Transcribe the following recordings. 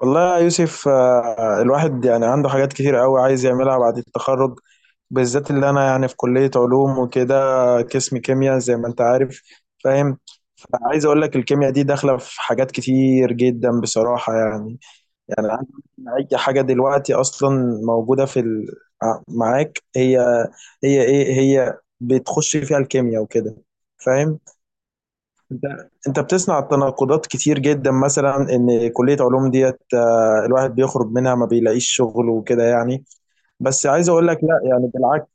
والله يا يوسف آه، الواحد يعني عنده حاجات كتير قوي عايز يعملها بعد التخرج، بالذات اللي انا يعني في كلية علوم وكده، قسم كيمياء زي ما انت عارف. فاهم؟ فعايز اقول لك الكيمياء دي داخلة في حاجات كتير جدا بصراحة يعني. يعني عايز أقول لك إن اي حاجة دلوقتي اصلا موجودة في ال... معاك هي، هي ايه، هي بتخش فيها الكيمياء وكده. فاهم؟ انت انت بتسمع التناقضات كتير جدا، مثلا ان كليه علوم ديت الواحد بيخرج منها ما بيلاقيش شغل وكده يعني. بس عايز اقول لك لا، يعني بالعكس.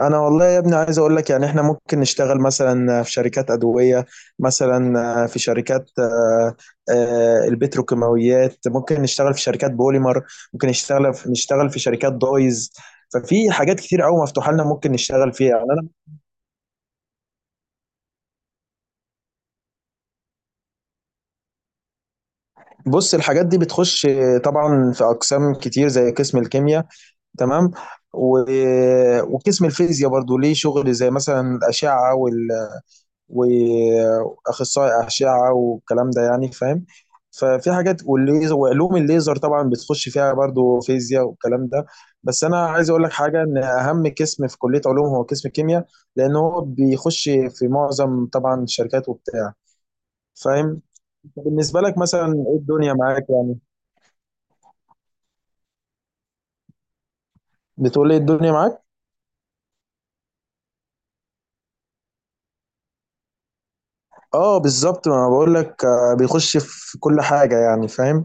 انا والله يا ابني عايز اقول لك يعني احنا ممكن نشتغل مثلا في شركات ادويه، مثلا في شركات، البتروكيماويات، ممكن نشتغل في شركات بوليمر، ممكن نشتغل في شركات دايز. ففي حاجات كتير قوي مفتوحه لنا ممكن نشتغل فيها يعني انا. بص الحاجات دي بتخش، طبعا في اقسام كتير زي قسم الكيمياء، تمام، و... وقسم الفيزياء برضو ليه شغل، زي مثلا الأشعة، وال... وأخصائي أشعة والكلام ده يعني. فاهم؟ ففي حاجات والليزر وعلوم الليزر طبعا بتخش فيها برضو فيزياء والكلام ده. بس أنا عايز أقول لك حاجة، إن أهم قسم في كلية علوم هو قسم الكيمياء، لأن هو بيخش في معظم طبعا الشركات وبتاع. فاهم؟ بالنسبة لك مثلا إيه الدنيا معاك يعني؟ بتقول إيه الدنيا معاك؟ اه بالظبط، ما انا بقول لك بيخش في كل حاجه يعني. فاهم؟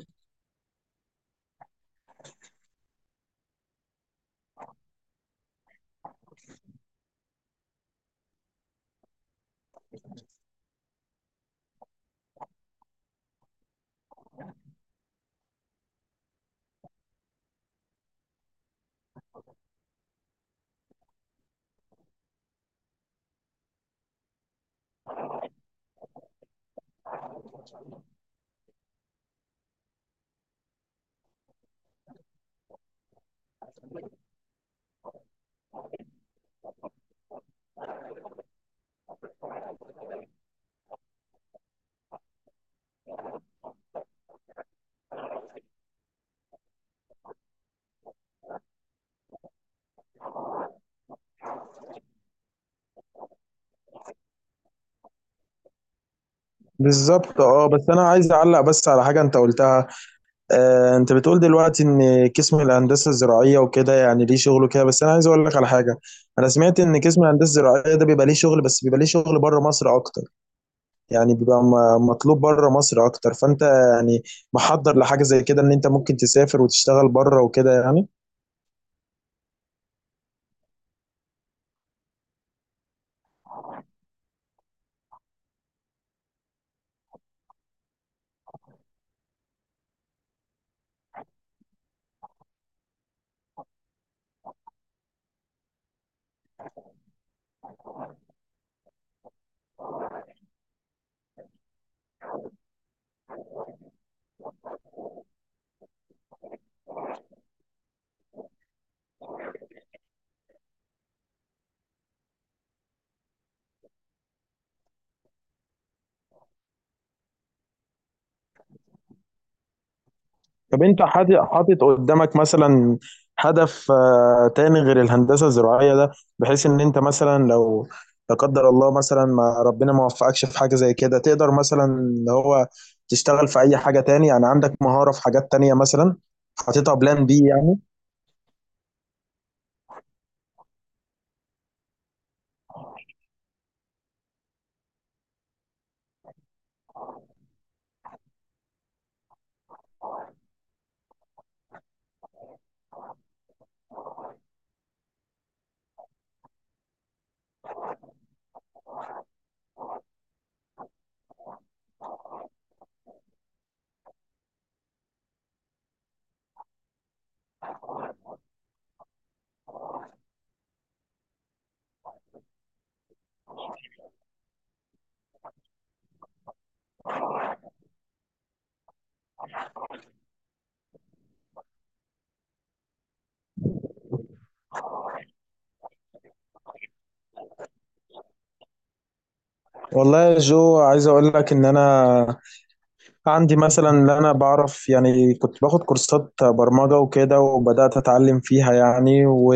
بالظبط اه. بس انا عايز اعلق بس على حاجه انت قلتها. آه، انت بتقول دلوقتي ان قسم الهندسه الزراعيه وكده يعني ليه شغله كده، بس انا عايز اقول لك على حاجه. انا سمعت ان قسم الهندسه الزراعيه ده بيبقى ليه شغل، بس بيبقى ليه شغل بره مصر اكتر. يعني بيبقى مطلوب بره مصر اكتر، فانت يعني محضر لحاجه زي كده ان انت ممكن تسافر وتشتغل بره وكده يعني. طب انت حاطط قدامك مثلا هدف، تاني غير الهندسه الزراعيه ده، بحيث ان انت مثلا لو لا قدر الله، مثلا ما ربنا ما وفقكش في حاجه زي كده، تقدر مثلا اللي هو تشتغل في اي حاجه تاني يعني. عندك مهاره في حاجات تانيه مثلا؟ حاططها بلان بي يعني؟ والله يا جو عايز اقول لك ان انا عندي مثلا اللي انا بعرف يعني، كنت باخد كورسات برمجة وكده وبدأت اتعلم فيها يعني، و...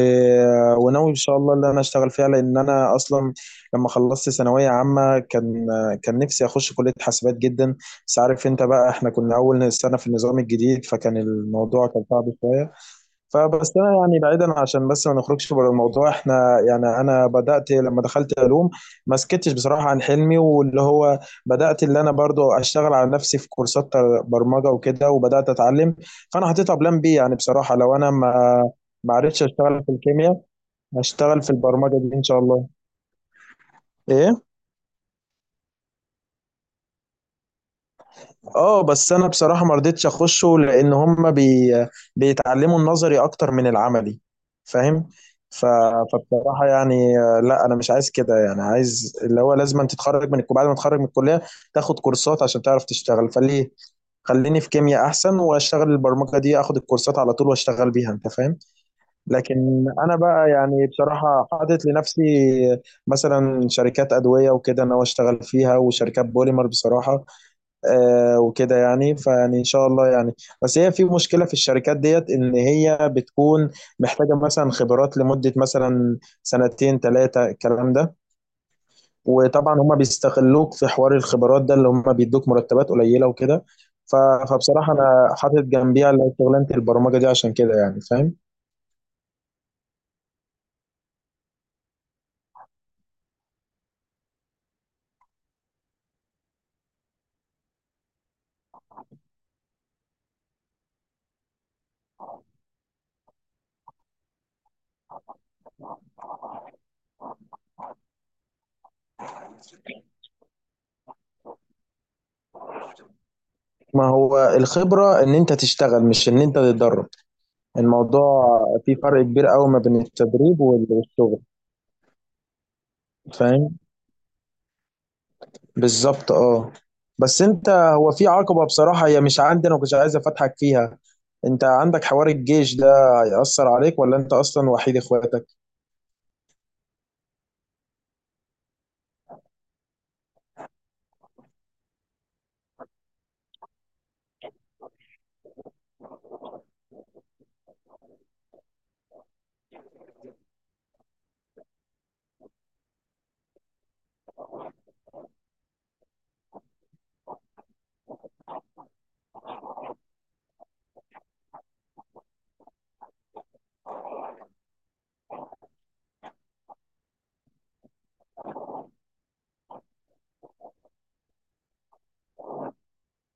وناوي ان شاء الله اللي انا اشتغل فيها، لان انا اصلا لما خلصت ثانوية عامة كان نفسي اخش كلية حاسبات جدا، بس عارف انت بقى احنا كنا اول سنة في النظام الجديد، فكان الموضوع كان صعب شوية. فبس انا يعني بعيدا عشان بس ما نخرجش بره الموضوع، احنا يعني انا بدات لما دخلت علوم، ما سكتش بصراحه عن حلمي، واللي هو بدات اللي انا برضو اشتغل على نفسي في كورسات برمجه وكده وبدات اتعلم. فانا حطيتها بلان بي يعني بصراحه، لو انا ما عرفتش اشتغل في الكيمياء هشتغل في البرمجه دي ان شاء الله. ايه؟ اه بس انا بصراحه ما رضيتش اخشه، لان هم بيتعلموا النظري اكتر من العملي. فاهم؟ ف... فبصراحه يعني، لا انا مش عايز كده يعني. عايز اللي هو لازم أن تتخرج من بعد ما تتخرج من الكليه تاخد كورسات عشان تعرف تشتغل، فليه؟ خليني في كيمياء احسن واشتغل البرمجه دي، اخد الكورسات على طول واشتغل بيها. انت فاهم؟ لكن انا بقى يعني بصراحه حاطط لنفسي مثلا شركات ادويه وكده انا اشتغل فيها، وشركات بوليمر بصراحه، وكده يعني، فيعني ان شاء الله يعني. بس هي في مشكله في الشركات ديت، ان هي بتكون محتاجه مثلا خبرات لمده مثلا 2 3 الكلام ده، وطبعا هم بيستغلوك في حوار الخبرات ده، اللي هم بيدوك مرتبات قليله وكده. ف- فبصراحه انا حاطط جنبيها اللي هي شغلانه البرمجه دي عشان كده يعني. فاهم؟ ما هو الخبره ان انت تشتغل مش ان انت تتدرب. الموضوع فيه فرق كبير قوي ما بين التدريب والشغل. فاهم؟ بالظبط اه. بس انت هو في عقبة بصراحة هي مش عندي، انا كنت عايز افتحك فيها. انت عندك حوار الجيش ده هيأثر عليك؟ ولا انت اصلا وحيد اخواتك؟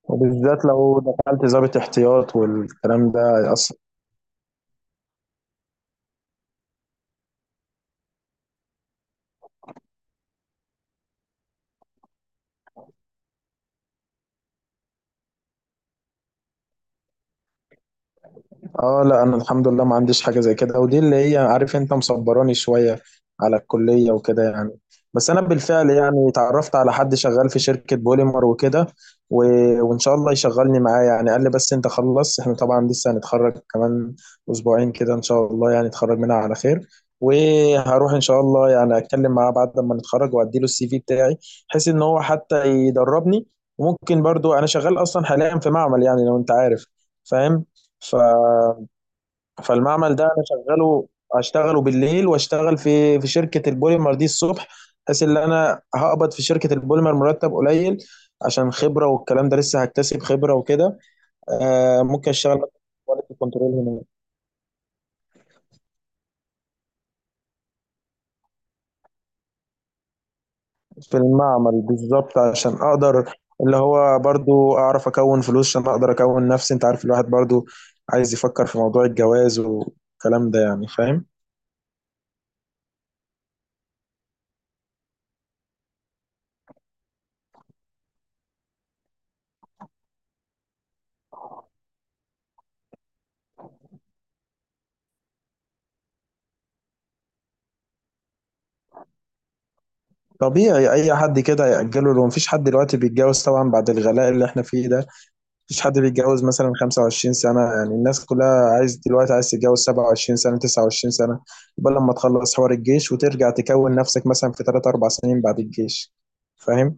وبالذات لو دخلت ضابط احتياط والكلام ده هيأثر. اه لا، انا الحمد لله ما عنديش حاجه زي كده، ودي اللي هي عارف انت مصبراني شويه على الكليه وكده يعني. بس انا بالفعل يعني اتعرفت على حد شغال في شركه بوليمر وكده، و... وان شاء الله يشغلني معاه يعني. قال لي بس انت خلص، احنا طبعا لسه هنتخرج كمان 2 كده، ان شاء الله يعني نتخرج منها على خير، وهروح ان شاء الله يعني اتكلم معاه بعد ما نتخرج وادي له السي في بتاعي، بحيث ان هو حتى يدربني. وممكن برضو انا شغال اصلا حاليا في معمل يعني لو انت عارف. فاهم؟ ف فالمعمل ده انا شغاله، اشتغله بالليل واشتغل في شركه البوليمر دي الصبح، بحيث ان انا هقبض في شركه البوليمر مرتب قليل عشان خبره والكلام ده، لسه هكتسب خبره وكده. آه ممكن اشتغل مثلا كواليتي كنترول هنا في المعمل، بالظبط، عشان اقدر اللي هو برضو اعرف اكون فلوس، عشان اقدر اكون نفسي. انت عارف الواحد برضو عايز يفكر في موضوع الجواز والكلام ده يعني. فاهم؟ طبيعي اي حد كده يأجله، لو مفيش حد دلوقتي بيتجوز طبعا بعد الغلاء اللي احنا فيه ده. مفيش حد بيتجوز مثلا 25 سنة، يعني الناس كلها عايز دلوقتي عايز تتجوز 27 سنة، 29 سنة. يبقى لما تخلص حوار الجيش وترجع تكون نفسك مثلا في 3 4 سنين بعد الجيش. فاهم؟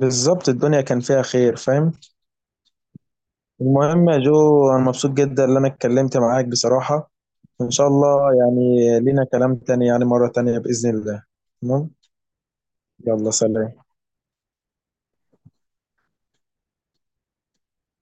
بالظبط، الدنيا كان فيها خير. فاهم؟ المهم يا جو انا مبسوط جدا ان انا اتكلمت معاك بصراحة. ان شاء الله يعني لينا كلام تاني يعني مرة تانية بإذن الله. تمام، يلا سلام.